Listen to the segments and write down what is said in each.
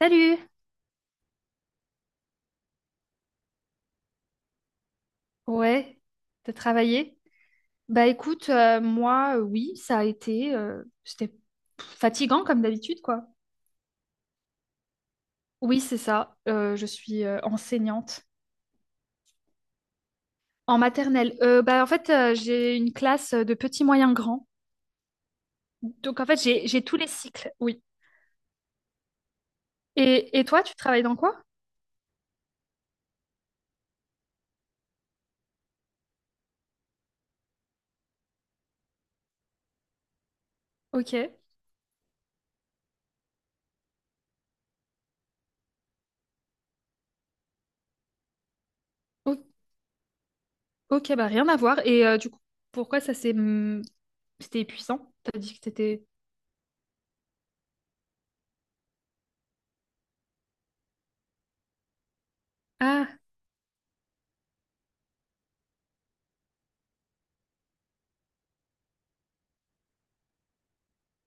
Salut! Ouais, t'as travaillé? Bah écoute, moi, oui, ça a été, c'était fatigant comme d'habitude, quoi. Oui, c'est ça, je suis enseignante en maternelle. Bah en fait, j'ai une classe de petits, moyens, grands. Donc en fait, j'ai tous les cycles, oui. Et toi, tu travailles dans quoi? Ok, O- ok, bah rien à voir. Et du coup, pourquoi ça s'est... C'était épuisant? T'as dit que t'étais... Ah,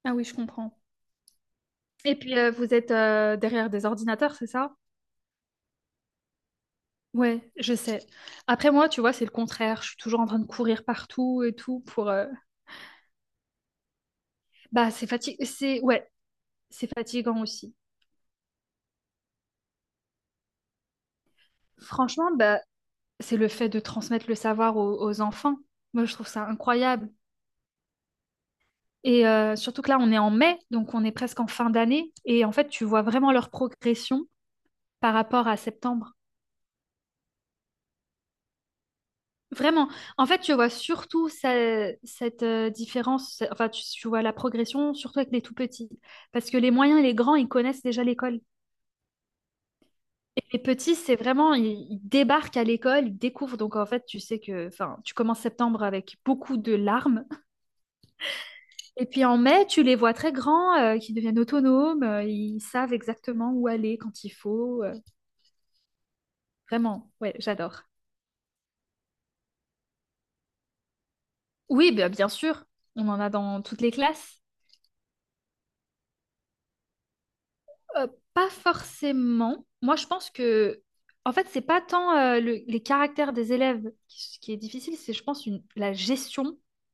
ah, oui, je comprends. Et puis, vous êtes derrière des ordinateurs, c'est ça? Ouais, je sais. Après moi, tu vois, c'est le contraire. Je suis toujours en train de courir partout et tout pour. Bah, c'est ouais, c'est fatigant aussi. Franchement, bah, c'est le fait de transmettre le savoir aux enfants. Moi, je trouve ça incroyable. Et surtout que là, on est en mai, donc on est presque en fin d'année. Et en fait, tu vois vraiment leur progression par rapport à septembre. Vraiment. En fait, tu vois surtout cette différence. Enfin, tu vois la progression surtout avec les tout petits, parce que les moyens et les grands, ils connaissent déjà l'école. Et les petits, c'est vraiment, ils débarquent à l'école, ils découvrent. Donc en fait, tu sais que, enfin, tu commences septembre avec beaucoup de larmes. Et puis en mai, tu les vois très grands, qui deviennent autonomes, ils savent exactement où aller quand il faut. Vraiment, ouais, j'adore. Oui, bah, bien sûr, on en a dans toutes les classes. Euh, Pas forcément. Moi, je pense que, en fait, c'est pas tant les caractères des élèves qui est difficile, c'est, je pense, la gestion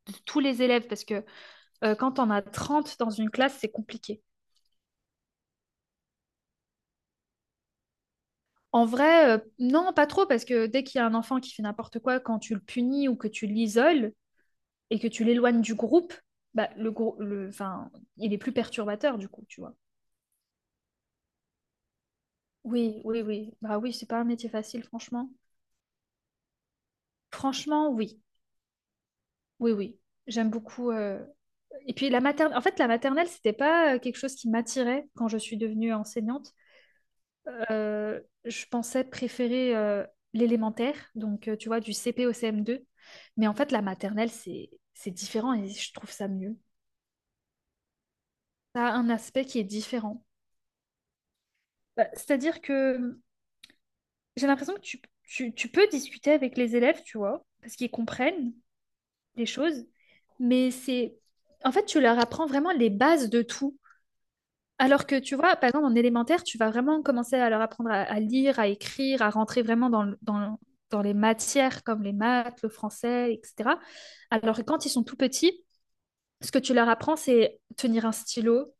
de tous les élèves parce que quand on a 30 dans une classe, c'est compliqué. En vrai, non, pas trop, parce que dès qu'il y a un enfant qui fait n'importe quoi, quand tu le punis ou que tu l'isoles et que tu l'éloignes du groupe, bah, enfin, il est plus perturbateur du coup, tu vois. Oui, oui, oui. Bah oui, c'est pas un métier facile, franchement. Franchement, oui. Oui, oui. J'aime beaucoup. Et puis la maternelle, en fait, la maternelle, c'était pas quelque chose qui m'attirait quand je suis devenue enseignante. Euh, je pensais préférer l'élémentaire, donc tu vois, du CP au CM2. Mais en fait, la maternelle, c'est différent et je trouve ça mieux. Ça a un aspect qui est différent. Bah, c'est-à-dire que j'ai l'impression que tu peux discuter avec les élèves, tu vois, parce qu'ils comprennent les choses, mais c'est... En fait, tu leur apprends vraiment les bases de tout. Alors que tu vois, par exemple, en élémentaire, tu vas vraiment commencer à leur apprendre à lire, à écrire, à rentrer vraiment dans les matières comme les maths, le français, etc. Alors que quand ils sont tout petits, ce que tu leur apprends, c'est tenir un stylo,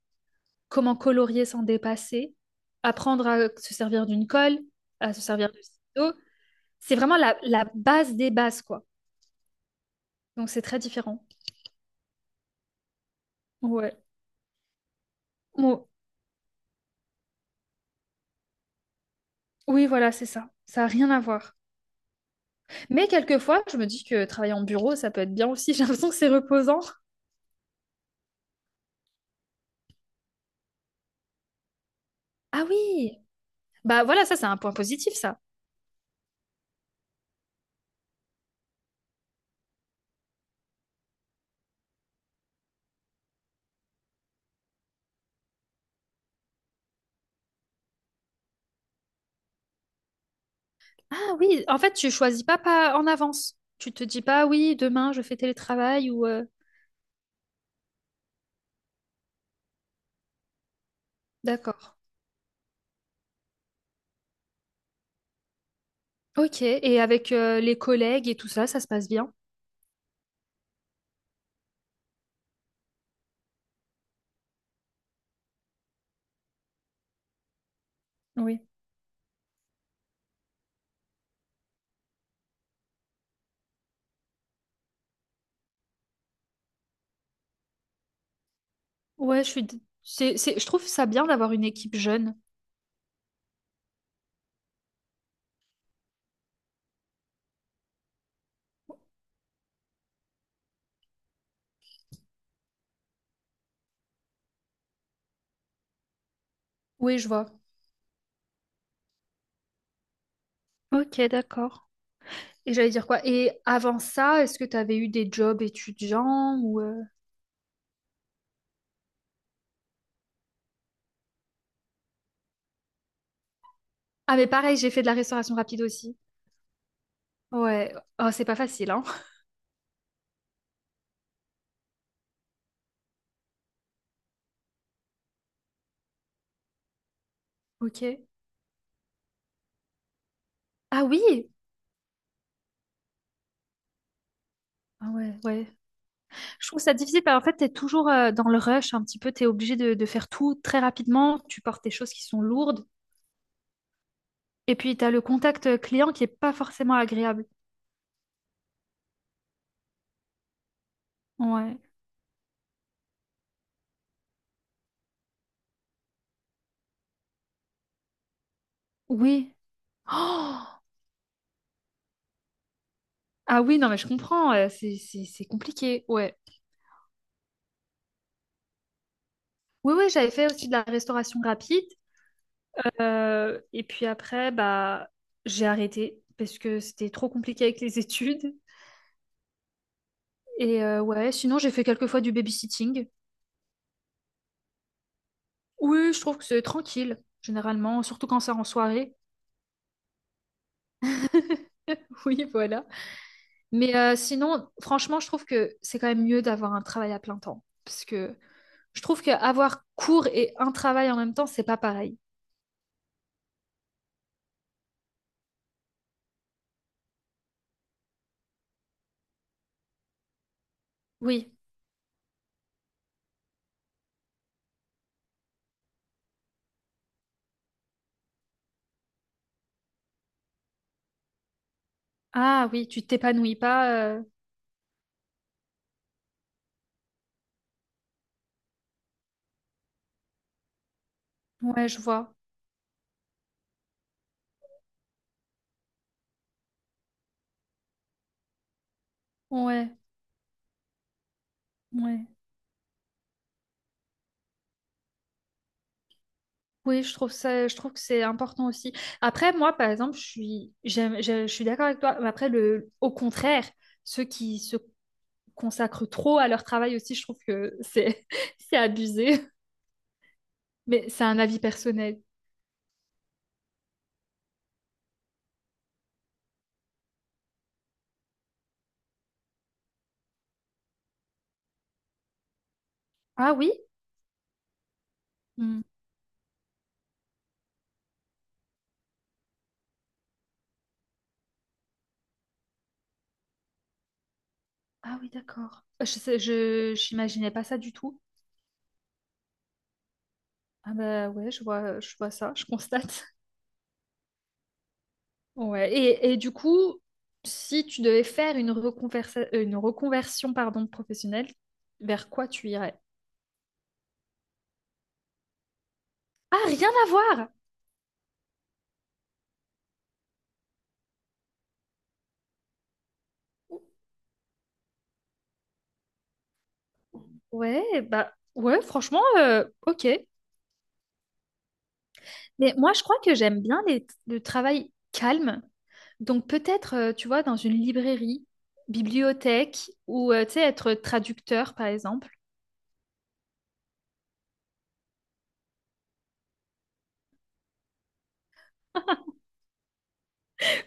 comment colorier sans dépasser, apprendre à se servir d'une colle, à se servir de stylo. C'est vraiment la base des bases, quoi. Donc c'est très différent. Ouais. Bon, oui, voilà, c'est ça. Ça n'a rien à voir. Mais quelquefois, je me dis que travailler en bureau, ça peut être bien aussi. J'ai l'impression que c'est reposant. Ah oui, bah voilà, ça c'est un point positif, ça. Ah oui, en fait, tu choisis pas en avance. Tu te dis pas, oui, demain je fais télétravail ou... D'accord. Ok, et avec les collègues et tout ça, ça se passe bien? Oui. Ouais, je suis... Je trouve ça bien d'avoir une équipe jeune. Oui, je vois. Ok, d'accord. Et j'allais dire quoi? Et avant ça, est-ce que tu avais eu des jobs étudiants ou... Ah mais pareil, j'ai fait de la restauration rapide aussi. Ouais. Oh, c'est pas facile, hein. Ok. Ah oui! Ah ouais, ouais. Je trouve ça difficile parce qu'en fait, t'es toujours dans le rush un petit peu, t'es obligé de faire tout très rapidement, tu portes des choses qui sont lourdes, et puis t'as le contact client qui est pas forcément agréable. Ouais. Oui. Oh ah oui, non, mais je comprends, c'est compliqué, ouais. Oui, oui, j'avais fait aussi de la restauration rapide, et puis après, bah, j'ai arrêté parce que c'était trop compliqué avec les études. Et ouais, sinon, j'ai fait quelques fois du babysitting. Oui, je trouve que c'est tranquille, généralement, surtout quand c'est en soirée. Oui, voilà. Mais sinon, franchement, je trouve que c'est quand même mieux d'avoir un travail à plein temps. Parce que je trouve qu'avoir cours et un travail en même temps, c'est pas pareil. Oui. Ah oui, tu t'épanouis pas. euh, Ouais, je vois. Ouais, ouais. Oui, je trouve ça, je trouve que c'est important aussi. Après, moi, par exemple, je suis d'accord avec toi. Mais après, au contraire, ceux qui se consacrent trop à leur travail aussi, je trouve que c'est c'est abusé. Mais c'est un avis personnel. Ah oui? Hmm. Ah oui, d'accord. Je sais, je j'imaginais pas ça du tout. Ah bah ouais, je vois ça, je constate. Ouais. Et du coup, si tu devais faire une reconversion pardon, professionnelle, vers quoi tu irais? Ah, rien à voir! Ouais, bah ouais, franchement, ok. Mais moi, je crois que j'aime bien le travail calme. Donc peut-être, tu vois, dans une librairie, bibliothèque, ou tu sais, être traducteur, par exemple.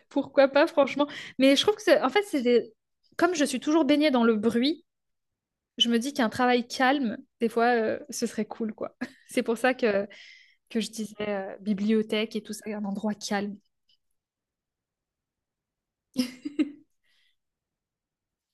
Pourquoi pas, franchement. Mais je trouve que, en fait, comme je suis toujours baignée dans le bruit, je me dis qu'un travail calme, des fois, ce serait cool, quoi. C'est pour ça que, je disais bibliothèque et tout ça, un endroit calme.